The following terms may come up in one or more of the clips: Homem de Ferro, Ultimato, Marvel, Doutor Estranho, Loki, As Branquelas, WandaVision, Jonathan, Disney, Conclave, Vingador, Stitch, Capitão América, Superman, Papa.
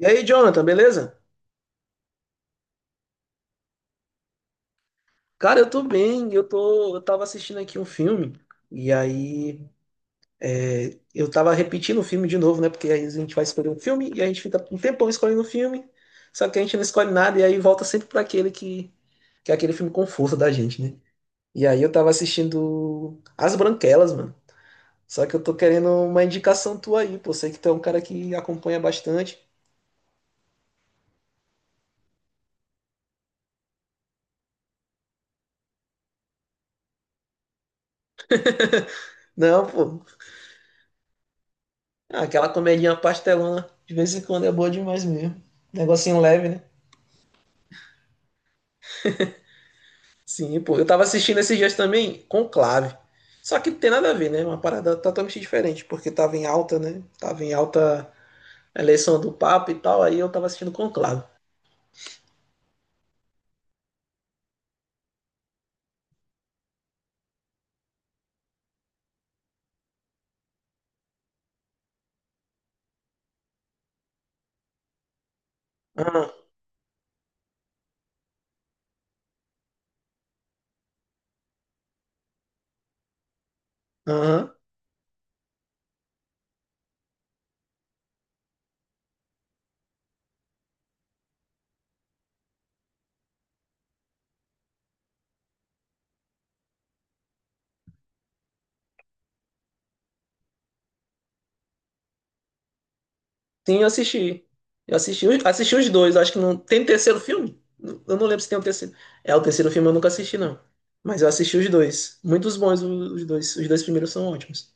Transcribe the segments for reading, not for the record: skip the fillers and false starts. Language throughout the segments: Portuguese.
E aí, Jonathan, beleza? Cara, eu tô bem. Eu tava assistindo aqui um filme e aí eu tava repetindo o filme de novo, né? Porque aí a gente vai escolher um filme e a gente fica um tempão escolhendo o filme, só que a gente não escolhe nada e aí volta sempre pra que é aquele filme conforto da gente, né? E aí eu tava assistindo As Branquelas, mano. Só que eu tô querendo uma indicação tua aí, pô. Sei que tu é um cara que acompanha bastante. Não, pô. Ah, aquela comedinha pastelona de vez em quando é boa demais mesmo. Negocinho leve, né? Sim, pô. Eu tava assistindo esses dias também Conclave. Só que não tem nada a ver, né? Uma parada totalmente diferente, porque tava em alta, né? Tava em alta a eleição do Papa e tal, aí eu tava assistindo Conclave. Ah, aham. Sim, eu assisti. Eu assisti, assisti os dois, acho que não. Tem um terceiro filme? Eu não lembro se tem o terceiro. É, o terceiro filme eu nunca assisti, não. Mas eu assisti os dois. Muitos bons os dois. Os dois primeiros são ótimos.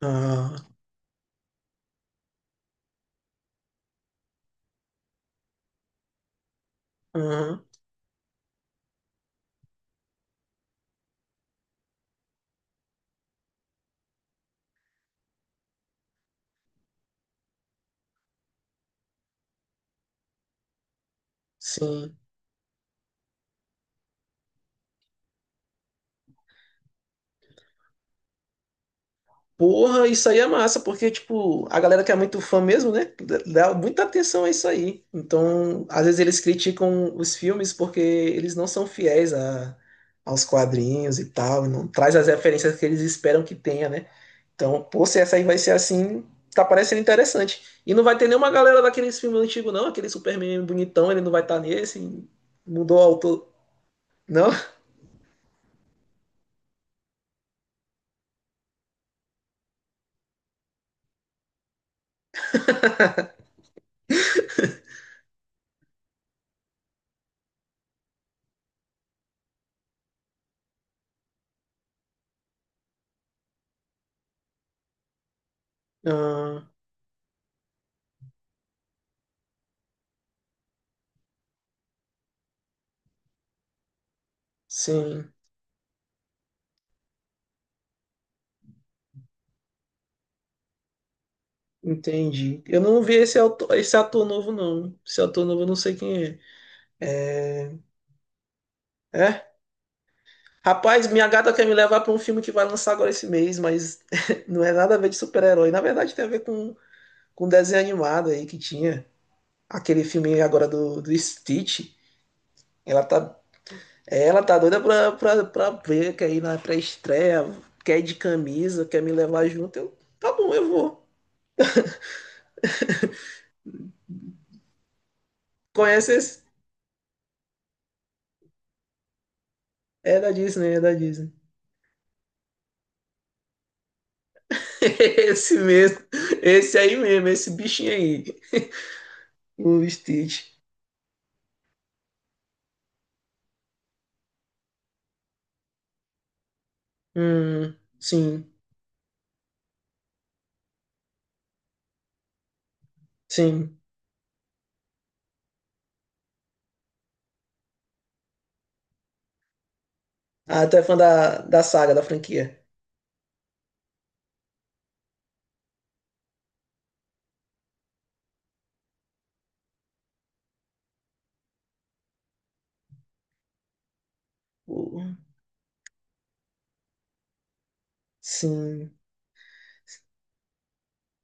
Ah, aham. Sim. Porra, isso aí é massa, porque, tipo, a galera que é muito fã mesmo, né, dá muita atenção a isso aí. Então, às vezes eles criticam os filmes porque eles não são fiéis aos quadrinhos e tal, não traz as referências que eles esperam que tenha, né? Então, pô, se essa aí vai ser assim, tá parecendo interessante. E não vai ter nenhuma galera daqueles filmes antigos, não, aquele Superman bonitão, ele não vai estar nesse, mudou o autor. Não? Ah, sim. Entendi. Eu não vi esse ator novo, não. Esse ator novo eu não sei quem é. É? Rapaz, minha gata quer me levar pra um filme que vai lançar agora esse mês, mas não é nada a ver de super-herói. Na verdade, tem a ver com um desenho animado aí que tinha. Aquele filme agora do Stitch. Ela tá, ela tá doida pra ver, quer ir na pré-estreia, quer ir de camisa, quer me levar junto. Eu, tá bom, eu vou. Conhece esse? É da Disney, é da Disney. Esse mesmo. Esse aí mesmo, esse bichinho aí. O Stitch. Hum, sim, sim. Ah, tu é fã da, da saga, da franquia. Pô, sim.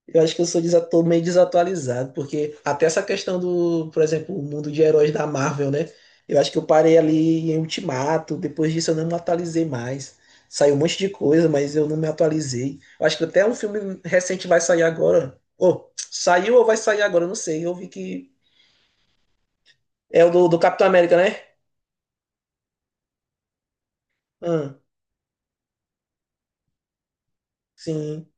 Eu acho que eu tô meio desatualizado, porque até essa questão do, por exemplo, o mundo de heróis da Marvel, né? Eu acho que eu parei ali em Ultimato, depois disso eu não me atualizei mais. Saiu um monte de coisa, mas eu não me atualizei. Eu acho que até um filme recente vai sair agora. Ou saiu ou vai sair agora, eu não sei. Eu vi que é do Capitão América, né? Ah, sim.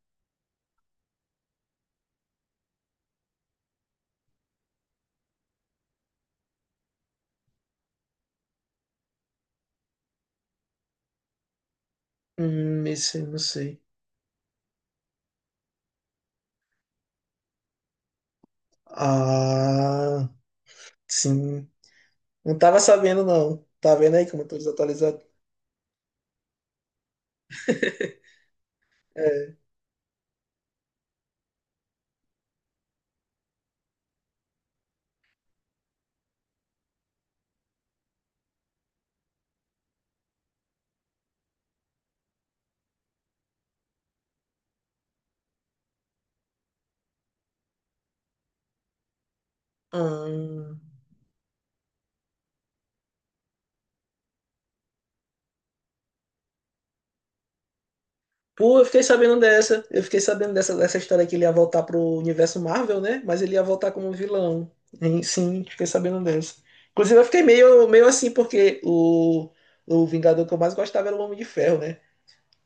Esse eu não sei. Ah, sim. Não tava sabendo, não. Tá vendo aí como eu tô desatualizado? É. Hum. Pô, eu fiquei sabendo dessa. Eu fiquei sabendo dessa, dessa história que ele ia voltar pro universo Marvel, né? Mas ele ia voltar como vilão. Hein, sim, fiquei sabendo dessa. Inclusive, eu fiquei meio, meio assim, porque o Vingador que eu mais gostava era o Homem de Ferro, né?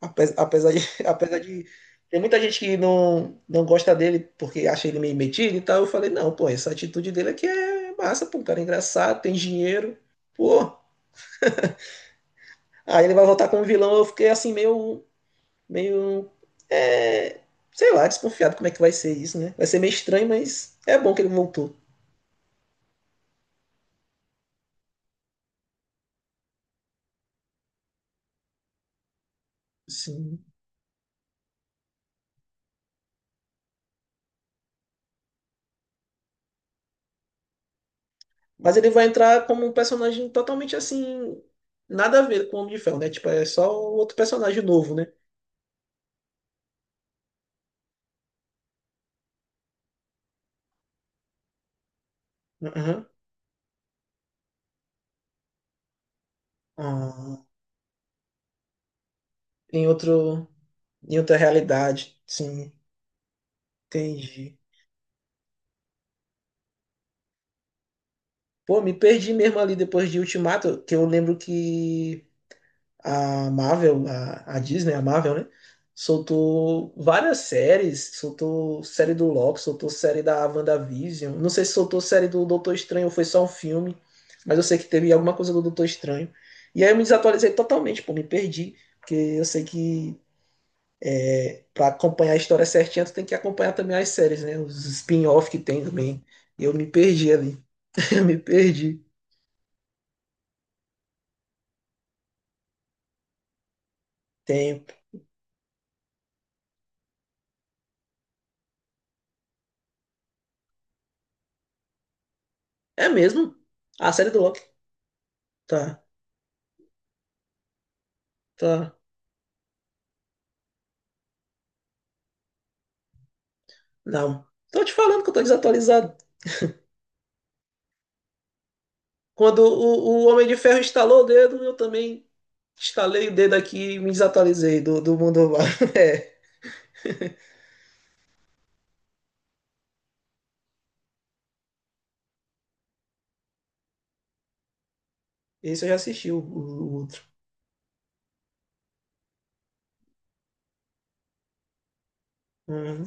Apesar, apesar de, apesar de ter muita gente que não, não gosta dele porque acha ele meio metido e tal, eu falei, não, pô, essa atitude dele aqui é massa, pô, um cara é engraçado, tem dinheiro, pô. Aí ele vai voltar como vilão, eu fiquei assim, meio, é, sei lá, desconfiado como é que vai ser isso, né? Vai ser meio estranho, mas é bom que ele voltou. Sim. Mas ele vai entrar como um personagem totalmente assim, nada a ver com o Homem de Ferro, né? Tipo, é só outro personagem novo, né? Uhum. Ah, tem outro. Em outra realidade. Sim, entendi. Pô, me perdi mesmo ali depois de Ultimato, que eu lembro que a Marvel, a Disney, a Marvel, né? Soltou várias séries, soltou série do Loki, soltou série da WandaVision. Não sei se soltou série do Doutor Estranho ou foi só um filme, mas eu sei que teve alguma coisa do Doutor Estranho. E aí eu me desatualizei totalmente, pô, me perdi, porque eu sei que pra acompanhar a história certinha, tu tem que acompanhar também as séries, né? Os spin-off que tem também. Eu me perdi ali. Eu me perdi. Tempo. É mesmo? A série do Loki. Tá, tá. Não. Tô te falando que eu tô desatualizado. Quando o Homem de Ferro instalou o dedo, eu também instalei o dedo aqui e me desatualizei do mundo. Lá. É, esse eu já assisti, o outro. Uhum.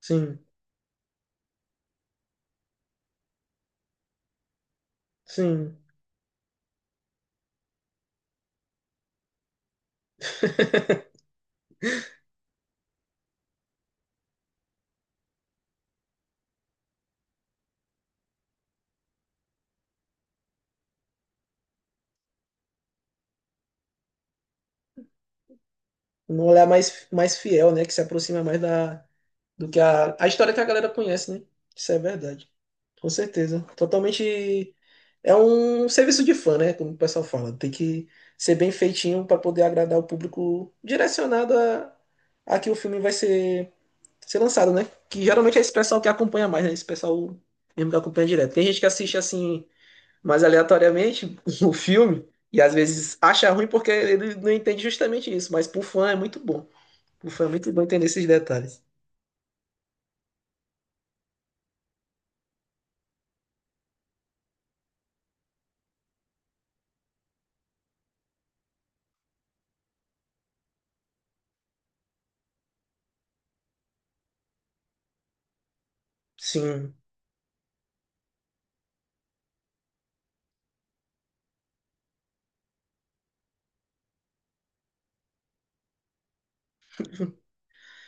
Sim, sim. Um olhar mais, mais fiel, né? Que se aproxima mais do que a história que a galera conhece, né? Isso é verdade. Com certeza. Totalmente. É um serviço de fã, né? Como o pessoal fala. Tem que ser bem feitinho para poder agradar o público direcionado a que o filme ser lançado, né? Que geralmente é esse pessoal que acompanha mais, né? Esse pessoal mesmo que acompanha direto. Tem gente que assiste assim, mais aleatoriamente, o filme, e às vezes acha ruim porque ele não entende justamente isso. Mas pro fã é muito bom. Pro fã é muito bom entender esses detalhes. Sim.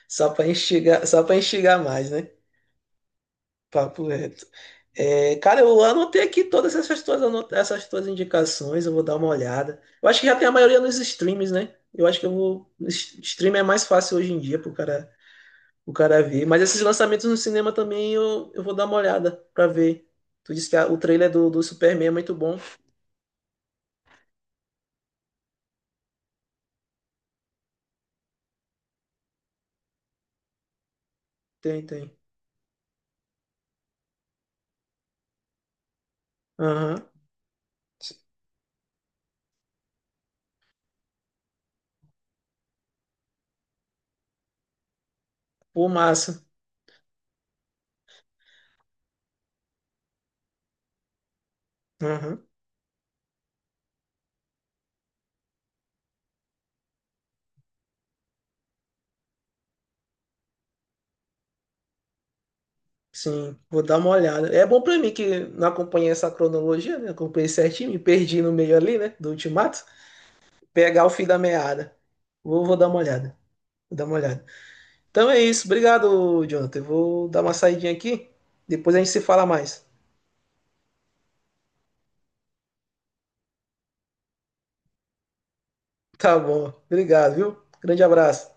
Só para enxergar mais, né? Papo reto. É, cara, eu anotei aqui todas essas tuas, anota- essas tuas indicações, eu vou dar uma olhada. Eu acho que já tem a maioria nos streams, né? Eu acho que Stream é mais fácil hoje em dia pro cara, o cara ver. Mas esses lançamentos no cinema também eu vou dar uma olhada pra ver. Tu disse que o trailer do Superman é muito bom. Tem, tem. Aham. Pô, massa. Aham. Sim, vou dar uma olhada. É bom pra mim que não acompanhei essa cronologia, né? Acompanhei certinho, me perdi no meio ali, né? Do Ultimato. Pegar o fim da meada. Vou dar uma olhada. Vou dar uma olhada. Então é isso. Obrigado, Jonathan. Eu vou dar uma saidinha aqui. Depois a gente se fala mais. Tá bom. Obrigado, viu? Grande abraço.